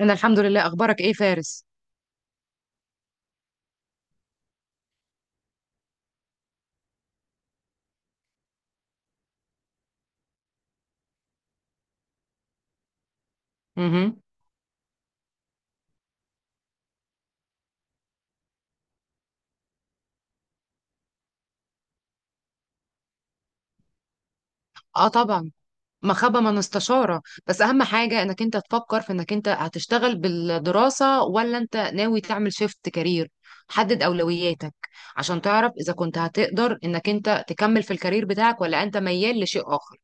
انا الحمد لله، اخبارك ايه فارس؟ امم اه، طبعا. مخبة من استشارة. بس اهم حاجة انك انت تفكر في انك انت هتشتغل بالدراسة ولا انت ناوي تعمل شيفت كارير. حدد اولوياتك عشان تعرف اذا كنت هتقدر انك انت تكمل في الكارير بتاعك ولا انت ميال لشيء اخر.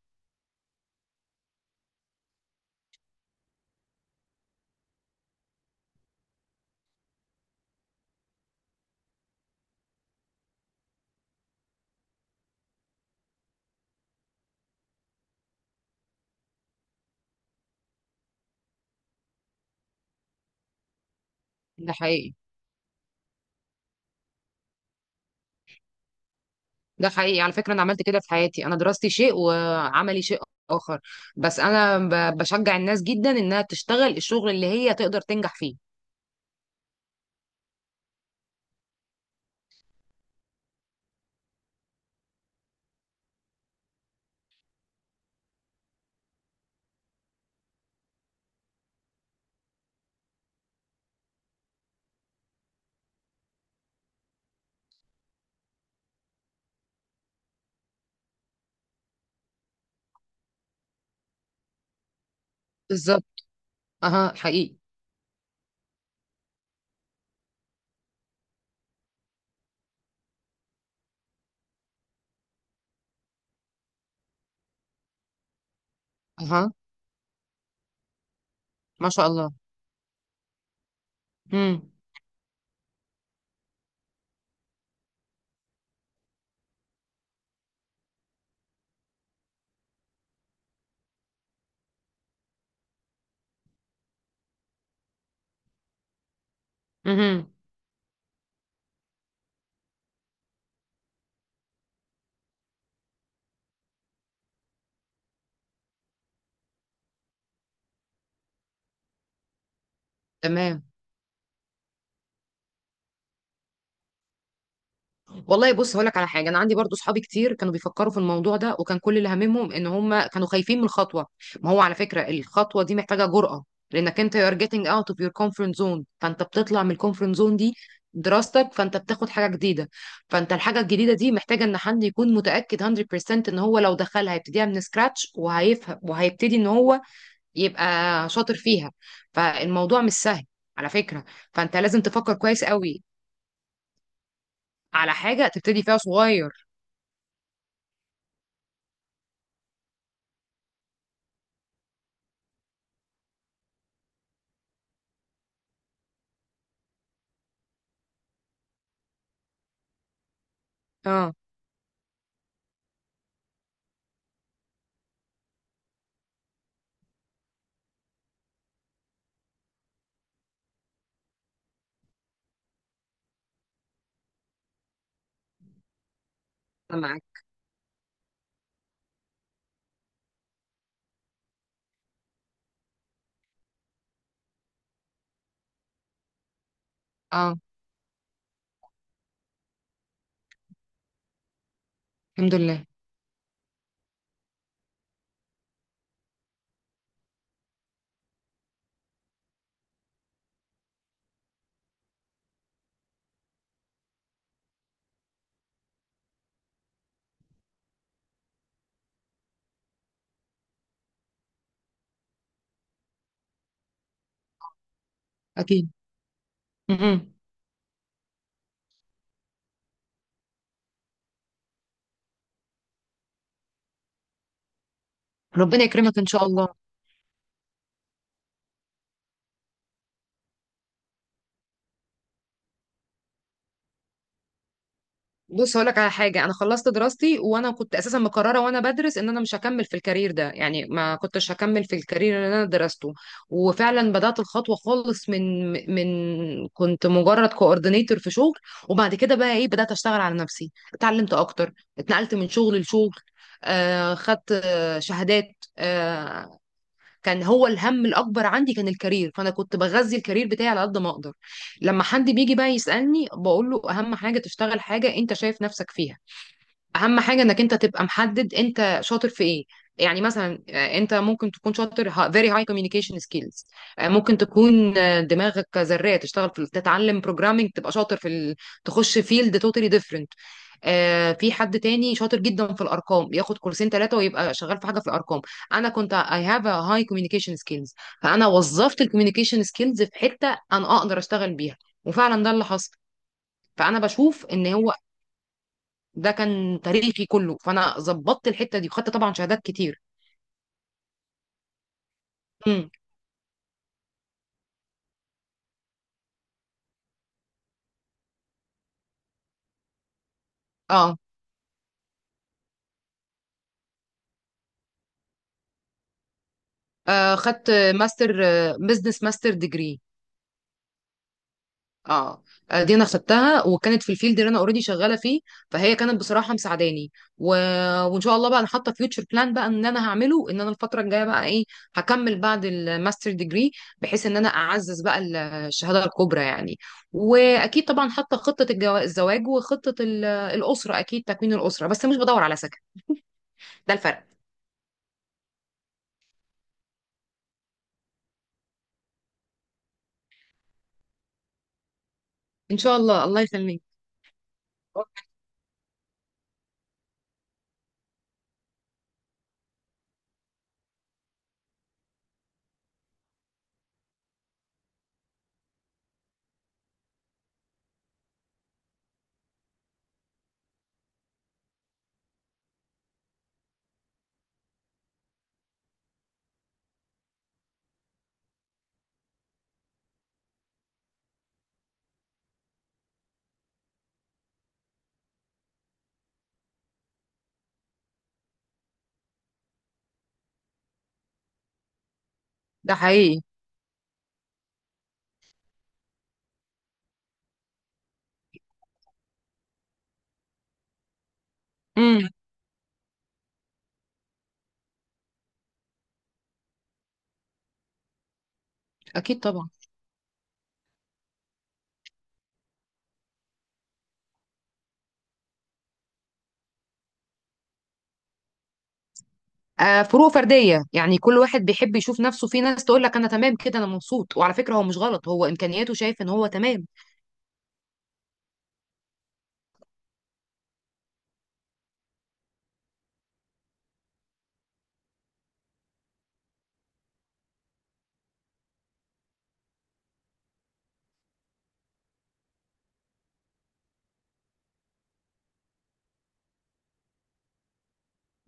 ده حقيقي. ده حقيقي، على فكرة. انا عملت كده في حياتي، انا دراستي شيء وعملي شيء اخر. بس انا بشجع الناس جدا انها تشتغل الشغل اللي هي تقدر تنجح فيه. بالظبط. اها، حقيقي. اها، ما شاء الله. امم امم. تمام. والله، بص هقول لك على حاجه. انا عندي برضو صحابي كتير كانوا بيفكروا في الموضوع ده، وكان كل اللي هاممهم ان هم كانوا خايفين من الخطوه. ما هو على فكره الخطوه دي محتاجه جرأه. لانك انت you're getting out of your comfort zone، فانت بتطلع من الكومفورت زون دي دراستك. فانت بتاخد حاجه جديده. فانت الحاجه الجديده دي محتاجه ان حد يكون متاكد 100% ان هو لو دخلها هيبتديها من سكراتش وهيفهم وهيبتدي ان هو يبقى شاطر فيها. فالموضوع مش سهل، على فكرة. فانت لازم تفكر كويس قوي على حاجة تبتدي فيها صغير. اه، انا معاك. اه، الحمد لله. اكيد. م-م. ربنا يكرمك ان شاء الله. بص هقول لك على حاجه. انا خلصت دراستي وانا كنت اساسا مقرره وانا بدرس ان انا مش هكمل في الكارير ده، يعني ما كنتش هكمل في الكارير اللي انا درسته. وفعلا بدات الخطوه خالص من كنت مجرد كوردينيتور في شغل. وبعد كده بقى ايه بدات اشتغل على نفسي، اتعلمت اكتر، اتنقلت من شغل لشغل. خدت شهادات. آه كان هو الهم الاكبر عندي كان الكارير. فانا كنت بغذي الكارير بتاعي على قد ما اقدر. لما حد بيجي بقى يسالني بقول له اهم حاجه تشتغل حاجه انت شايف نفسك فيها. اهم حاجه انك انت تبقى محدد انت شاطر في ايه. يعني مثلا انت ممكن تكون شاطر very high communication skills. ممكن تكون دماغك زراعة تشتغل في تتعلم programming تبقى شاطر في تخش field totally different. في حد تاني شاطر جدا في الارقام ياخد كورسين ثلاثه ويبقى شغال في حاجه في الارقام. انا كنت I have a high communication skills. فانا وظفت الكوميونيكيشن سكيلز في حته انا اقدر اشتغل بيها، وفعلا ده اللي حصل. فانا بشوف ان هو ده كان تاريخي كله. فانا ظبطت الحته دي وخدت طبعا شهادات كتير. امم. اه، خدت ماستر، بزنس ماستر ديجري. اه، دي انا خدتها وكانت في الفيلد اللي انا اوريدي شغاله فيه. فهي كانت بصراحه مساعداني. و... وان شاء الله بقى انا حاطه فيوتشر بلان بقى ان انا هعمله ان انا الفتره الجايه بقى ايه. هكمل بعد الماستر ديجري بحيث ان انا اعزز بقى الشهاده الكبرى يعني. واكيد طبعا حاطه خطه الزواج وخطه الاسره، اكيد تكوين الاسره، بس مش بدور على سكن. ده الفرق. ان شاء الله، الله يخليك. ده حقيقي. امم. اكيد طبعا. آه، فروق فرديه، يعني كل واحد بيحب يشوف نفسه. في ناس تقول لك انا تمام كده انا مبسوط، وعلى فكره هو مش غلط، هو امكانياته شايف ان هو تمام.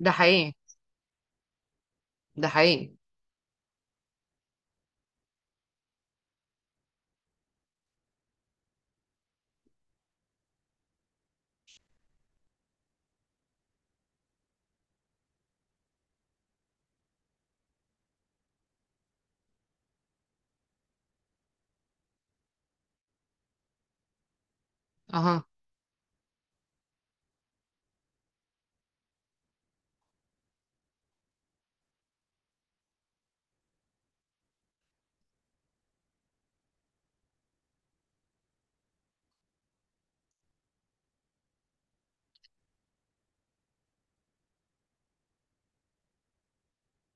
ده حقيقي. ده حقيقي. اها.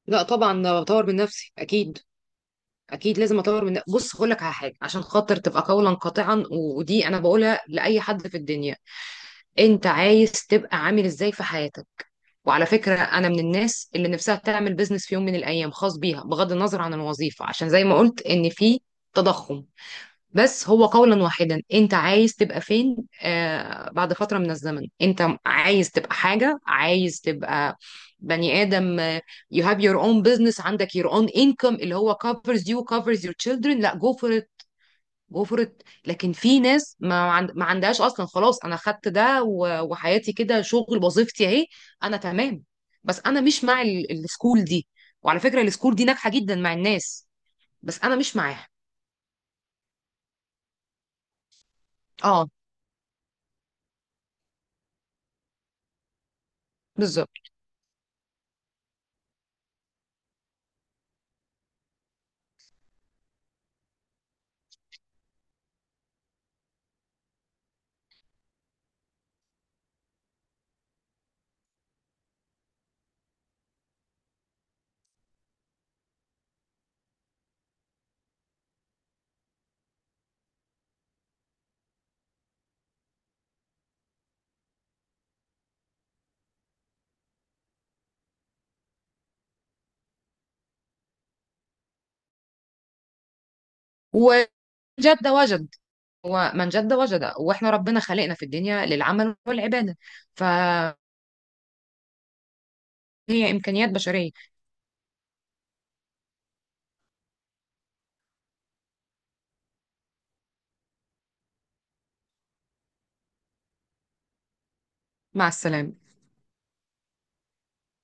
لا، طبعا بطور من نفسي اكيد. اكيد لازم اطور بص هقول لك على حاجه عشان خاطر تبقى قولا قاطعا ودي انا بقولها لاي حد في الدنيا. انت عايز تبقى عامل ازاي في حياتك. وعلى فكرة انا من الناس اللي نفسها تعمل بيزنس في يوم من الايام خاص بيها، بغض النظر عن الوظيفة، عشان زي ما قلت ان في تضخم. بس هو قولا واحدا، انت عايز تبقى فين؟ آه، بعد فترة من الزمن انت عايز تبقى حاجة، عايز تبقى بني آدم. You have your own business، عندك your own income اللي هو covers you covers your children. لا go for... وفرت. لكن في ناس ما عندهاش اصلا. خلاص انا خدت ده وحياتي كده شغل، وظيفتي اهي، انا تمام. بس انا مش مع السكول دي. وعلى فكره السكول دي ناجحه جدا مع الناس، بس انا مش معاها. اه. بالظبط. وجد. وجد. ومن جد وجد. واحنا ربنا خلقنا في الدنيا للعمل والعباده. فهي امكانيات بشريه. مع السلامه.